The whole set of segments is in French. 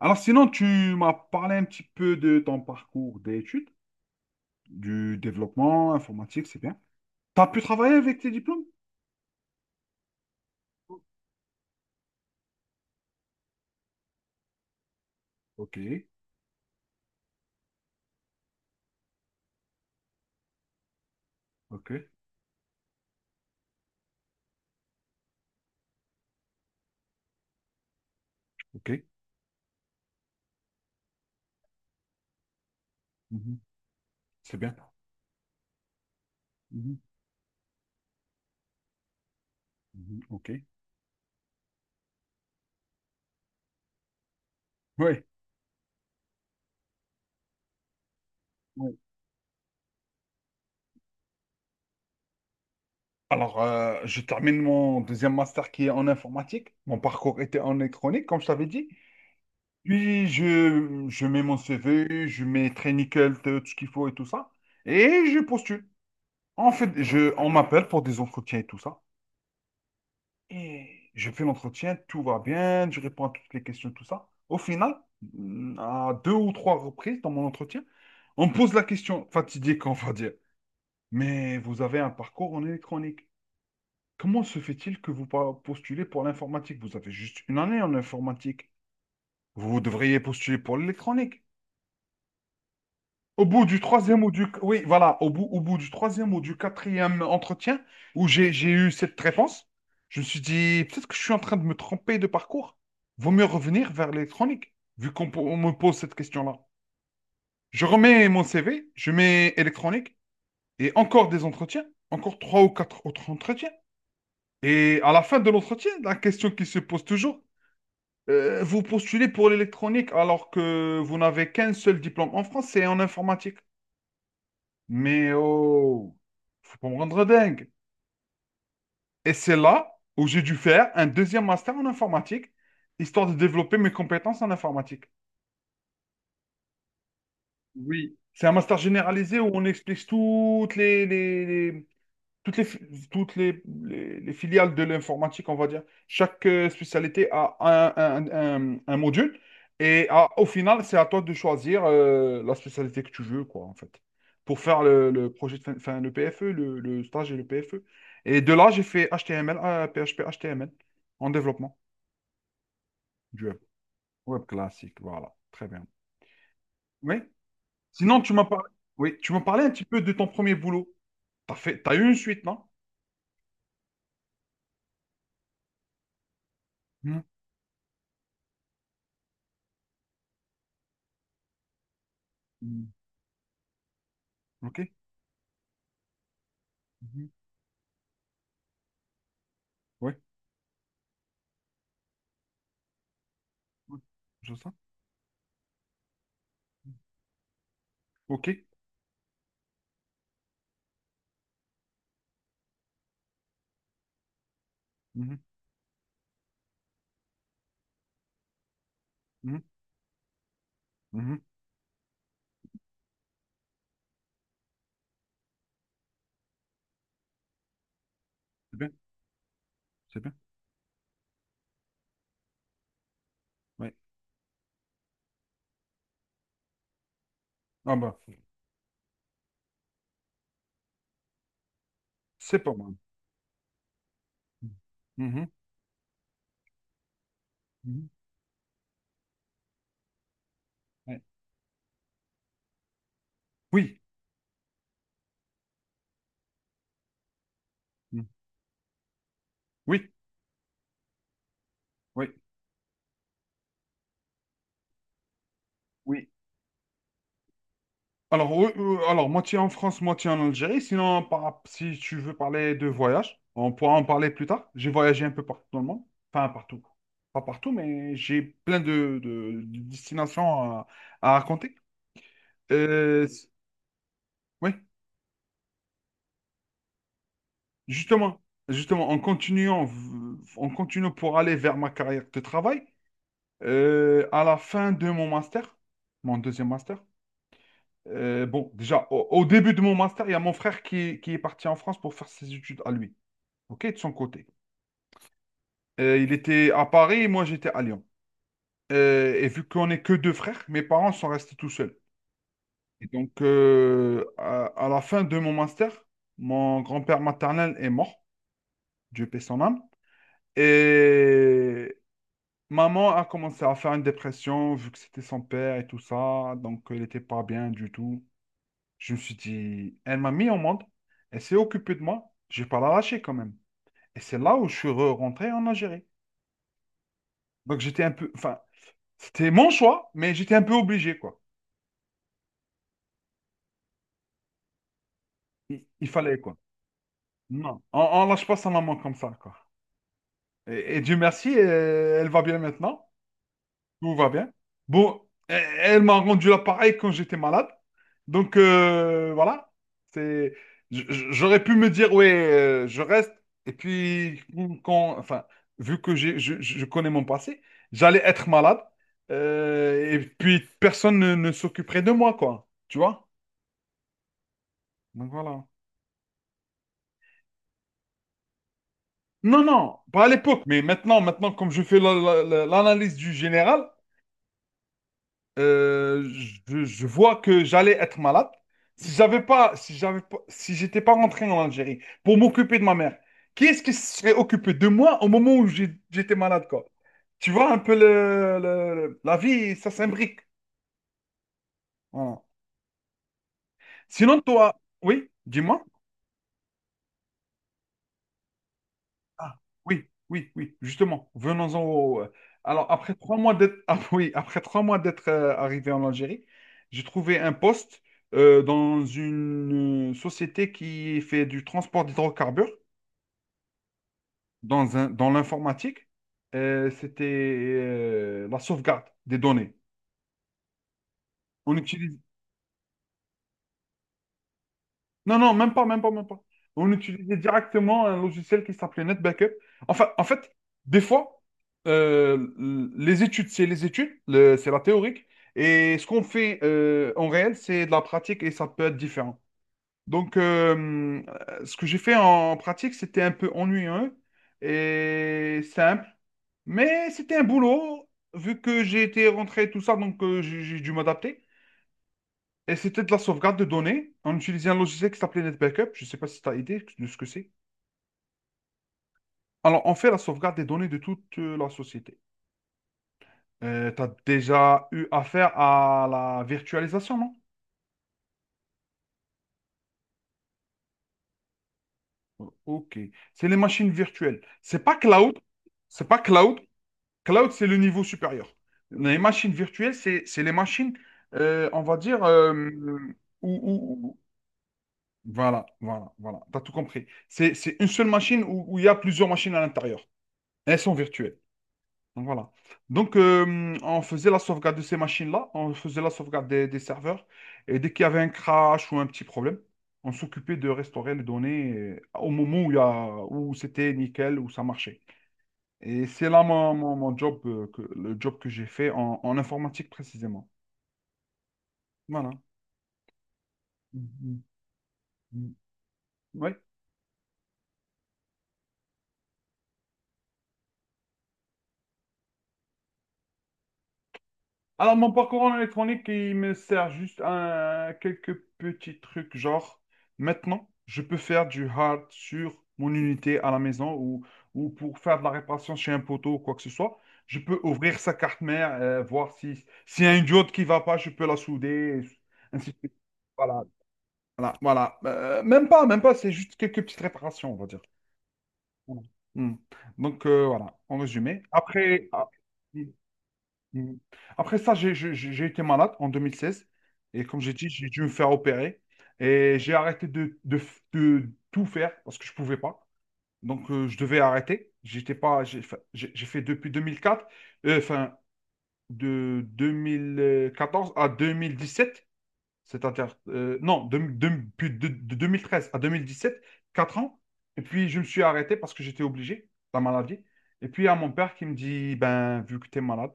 Alors sinon, tu m'as parlé un petit peu de ton parcours d'études, du développement informatique, c'est bien. Tu as pu travailler avec tes diplômes? Ok, ok, ok. Mhm, c'est bien. Mhm, mhm, ok. Oui. Oui. Alors, je termine mon deuxième master qui est en informatique. Mon parcours était en électronique, comme je t'avais dit. Puis, je mets mon CV, je mets très nickel tout ce qu'il faut et tout ça. Et je postule. En fait, on m'appelle pour des entretiens et tout ça. Et je fais l'entretien, tout va bien, je réponds à toutes les questions, tout ça. Au final, à deux ou trois reprises dans mon entretien, on me pose la question fatidique, on va dire. Mais vous avez un parcours en électronique. Comment se fait-il que postulez pour l'informatique? Vous avez juste une année en informatique. Vous devriez postuler pour l'électronique. Au bout du troisième ou du... Oui, voilà, au bout du troisième ou du quatrième entretien, où j'ai eu cette réponse, je me suis dit, peut-être que je suis en train de me tromper de parcours. Vaut mieux revenir vers l'électronique, vu on me pose cette question-là. Je remets mon CV, je mets électronique, et encore des entretiens, encore trois ou quatre autres entretiens. Et à la fin de l'entretien, la question qui se pose toujours, vous postulez pour l'électronique alors que vous n'avez qu'un seul diplôme en France, c'est en informatique. Mais oh, faut pas me rendre dingue. Et c'est là où j'ai dû faire un deuxième master en informatique, histoire de développer mes compétences en informatique. Oui, c'est un master généralisé où on explique toutes les, les- toutes les, fi- toutes les filiales de l'informatique, on va dire, chaque spécialité a un module. Et au final, c'est à toi de choisir la spécialité que tu veux, quoi, en fait, pour faire le projet, enfin, le PFE, le stage et le PFE. Et de là, j'ai fait HTML, PHP, HTML en développement du web. Web classique, voilà, très bien. Oui. Sinon, tu m'as parlé, oui, tu m'as parlé un petit peu de ton premier boulot. T'as eu une suite, non? Mhm. Mhm. Ok. Mhm. Oui. Ouais, je sens. Ok. Mhm, mhm, mhm. C'est bien. C'est bien. Ouais. Ah bah, c'est pas mal. Mhm, mhm, mhm. Ouais. Oui. Mhm. Oui. Oui. Oui. Alors, moitié en France, moitié en Algérie. Sinon, si tu veux parler de voyage, on pourra en parler plus tard. J'ai voyagé un peu partout dans le monde. Enfin, partout. Pas partout, mais j'ai plein de, de destinations à raconter. Euh, oui. Justement, justement, en continuant, en continuant pour aller vers ma carrière de travail, à la fin de mon master, mon deuxième master, bon, déjà, au début de mon master, il y a mon frère qui est parti en France pour faire ses études à lui, ok, de son côté. Il était à Paris, moi j'étais à Lyon. Et vu qu'on n'est que deux frères, mes parents sont restés tout seuls. Et donc, à la fin de mon master, mon grand-père maternel est mort, Dieu paie son âme. Et maman a commencé à faire une dépression vu que c'était son père et tout ça, donc elle n'était pas bien du tout. Je me suis dit, elle m'a mis au monde, elle s'est occupée de moi, je vais pas la lâcher quand même. Et c'est là où je suis rentré en Algérie. Donc j'étais un peu, enfin, c'était mon choix, mais j'étais un peu obligé, quoi. Il fallait, quoi. Non, on lâche pas sa maman comme ça, quoi. Et Dieu merci, elle va bien maintenant. Tout va bien. Bon, e- elle m'a rendu l'appareil quand j'étais malade. Donc, voilà. C'est, J'aurais pu me dire, ouais, je reste. Et puis, enfin, vu que je connais mon passé, j'allais être malade. Et puis, personne ne s'occuperait de moi, quoi. Tu vois? Donc, voilà. Non, non, pas à l'époque. Mais maintenant, comme je fais l'analyse du général. Euh, je vois que j'allais être malade. Si j'étais pas rentré en Algérie pour m'occuper de ma mère, qui est-ce qui se serait occupé de moi au moment où j'étais malade, quoi? Tu vois un peu le, la vie, ça s'imbrique. Voilà. Sinon, toi, oui, dis-moi. Ah, oui, oui, oui, justement, Alors, après trois mois d'être après 3 mois d'être arrivé en Algérie, j'ai trouvé un poste dans une société qui fait du transport d'hydrocarbures dans l'informatique. C'était la sauvegarde des données. On utilise... Non, non, même pas, même pas, même pas. On utilisait directement un logiciel qui s'appelait NetBackup. Enfin, en fait, des fois, euh, les études, c'est les études, c'est la théorique. Et ce qu'on fait en réel, c'est de la pratique et ça peut être différent. Donc, ce que j'ai fait en pratique, c'était un peu ennuyeux et simple. Mais c'était un boulot, vu que j'ai été rentré et tout ça, donc j'ai dû m'adapter. Et c'était de la sauvegarde de données. On utilisait un logiciel qui s'appelait NetBackup. Je ne sais pas si tu as idée de ce que c'est. Alors, on fait la sauvegarde des données de toute la société. Tu as déjà eu affaire à la virtualisation, non? Ok. C'est les machines virtuelles. C'est pas cloud. C'est pas cloud. Cloud, c'est le niveau supérieur. Les machines virtuelles, c'est les machines, on va dire, Voilà, voilà, voilà. Tu as tout compris. C'est une seule machine où il y a plusieurs machines à l'intérieur. Elles sont virtuelles. Voilà. Donc, on faisait la sauvegarde de ces machines-là, on faisait la sauvegarde des serveurs, et dès qu'il y avait un crash ou un petit problème, on s'occupait de restaurer les données au moment où, où c'était nickel, où ça marchait. Et c'est là mon job, le job que j'ai fait en informatique précisément. Voilà. Mhm. Oui, alors, mon parcours en électronique, il me sert juste à quelques petits trucs, genre, maintenant, je peux faire du hard sur mon unité à la maison ou pour faire de la réparation chez un poteau ou quoi que ce soit. Je peux ouvrir sa carte mère, voir si, s'il y a une diode qui va pas, je peux la souder, ainsi de suite. Voilà, voilà, voilà. Même pas, même pas, c'est juste quelques petites réparations, on va dire. Voilà. Hmm. Donc, voilà, en résumé. Après, ah, oui. Mhm. Après ça, j'ai été malade en 2016. Et comme j'ai dit, j'ai dû me faire opérer. Et j'ai arrêté de tout faire parce que je ne pouvais pas. Donc, je devais arrêter. J'étais pas, j'ai fa- j'ai- J'ai fait depuis 2004, enfin, de 2014 à 2017. Non, de 2013 à 2017, 4 ans. Et puis, je me suis arrêté parce que j'étais obligé, la maladie. Et puis, il y a mon père qui me dit, ben, vu que tu es malade,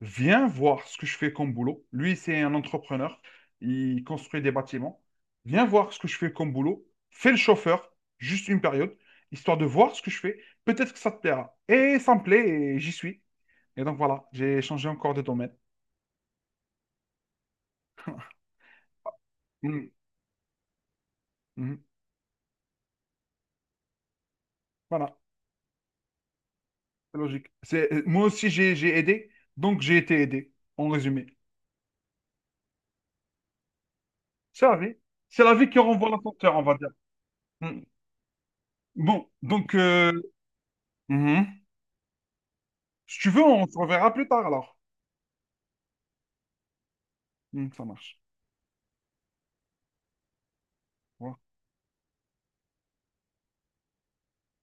viens voir ce que je fais comme boulot. Lui, c'est un entrepreneur. Il construit des bâtiments. Viens voir ce que je fais comme boulot. Fais le chauffeur, juste une période, histoire de voir ce que je fais. Peut-être que ça te plaira. Et ça me plaît et j'y suis. Et donc, voilà, j'ai changé encore de domaine. Mhm. Mhm. Voilà. C'est logique. Moi aussi, j'ai aidé, donc j'ai été aidé, en résumé. C'est la vie. C'est la vie qui renvoie l'ascenseur, on va dire. Mm. Bon, donc, mhm. Si tu veux, on se reverra plus tard alors. Mm, ça marche. Au revoir.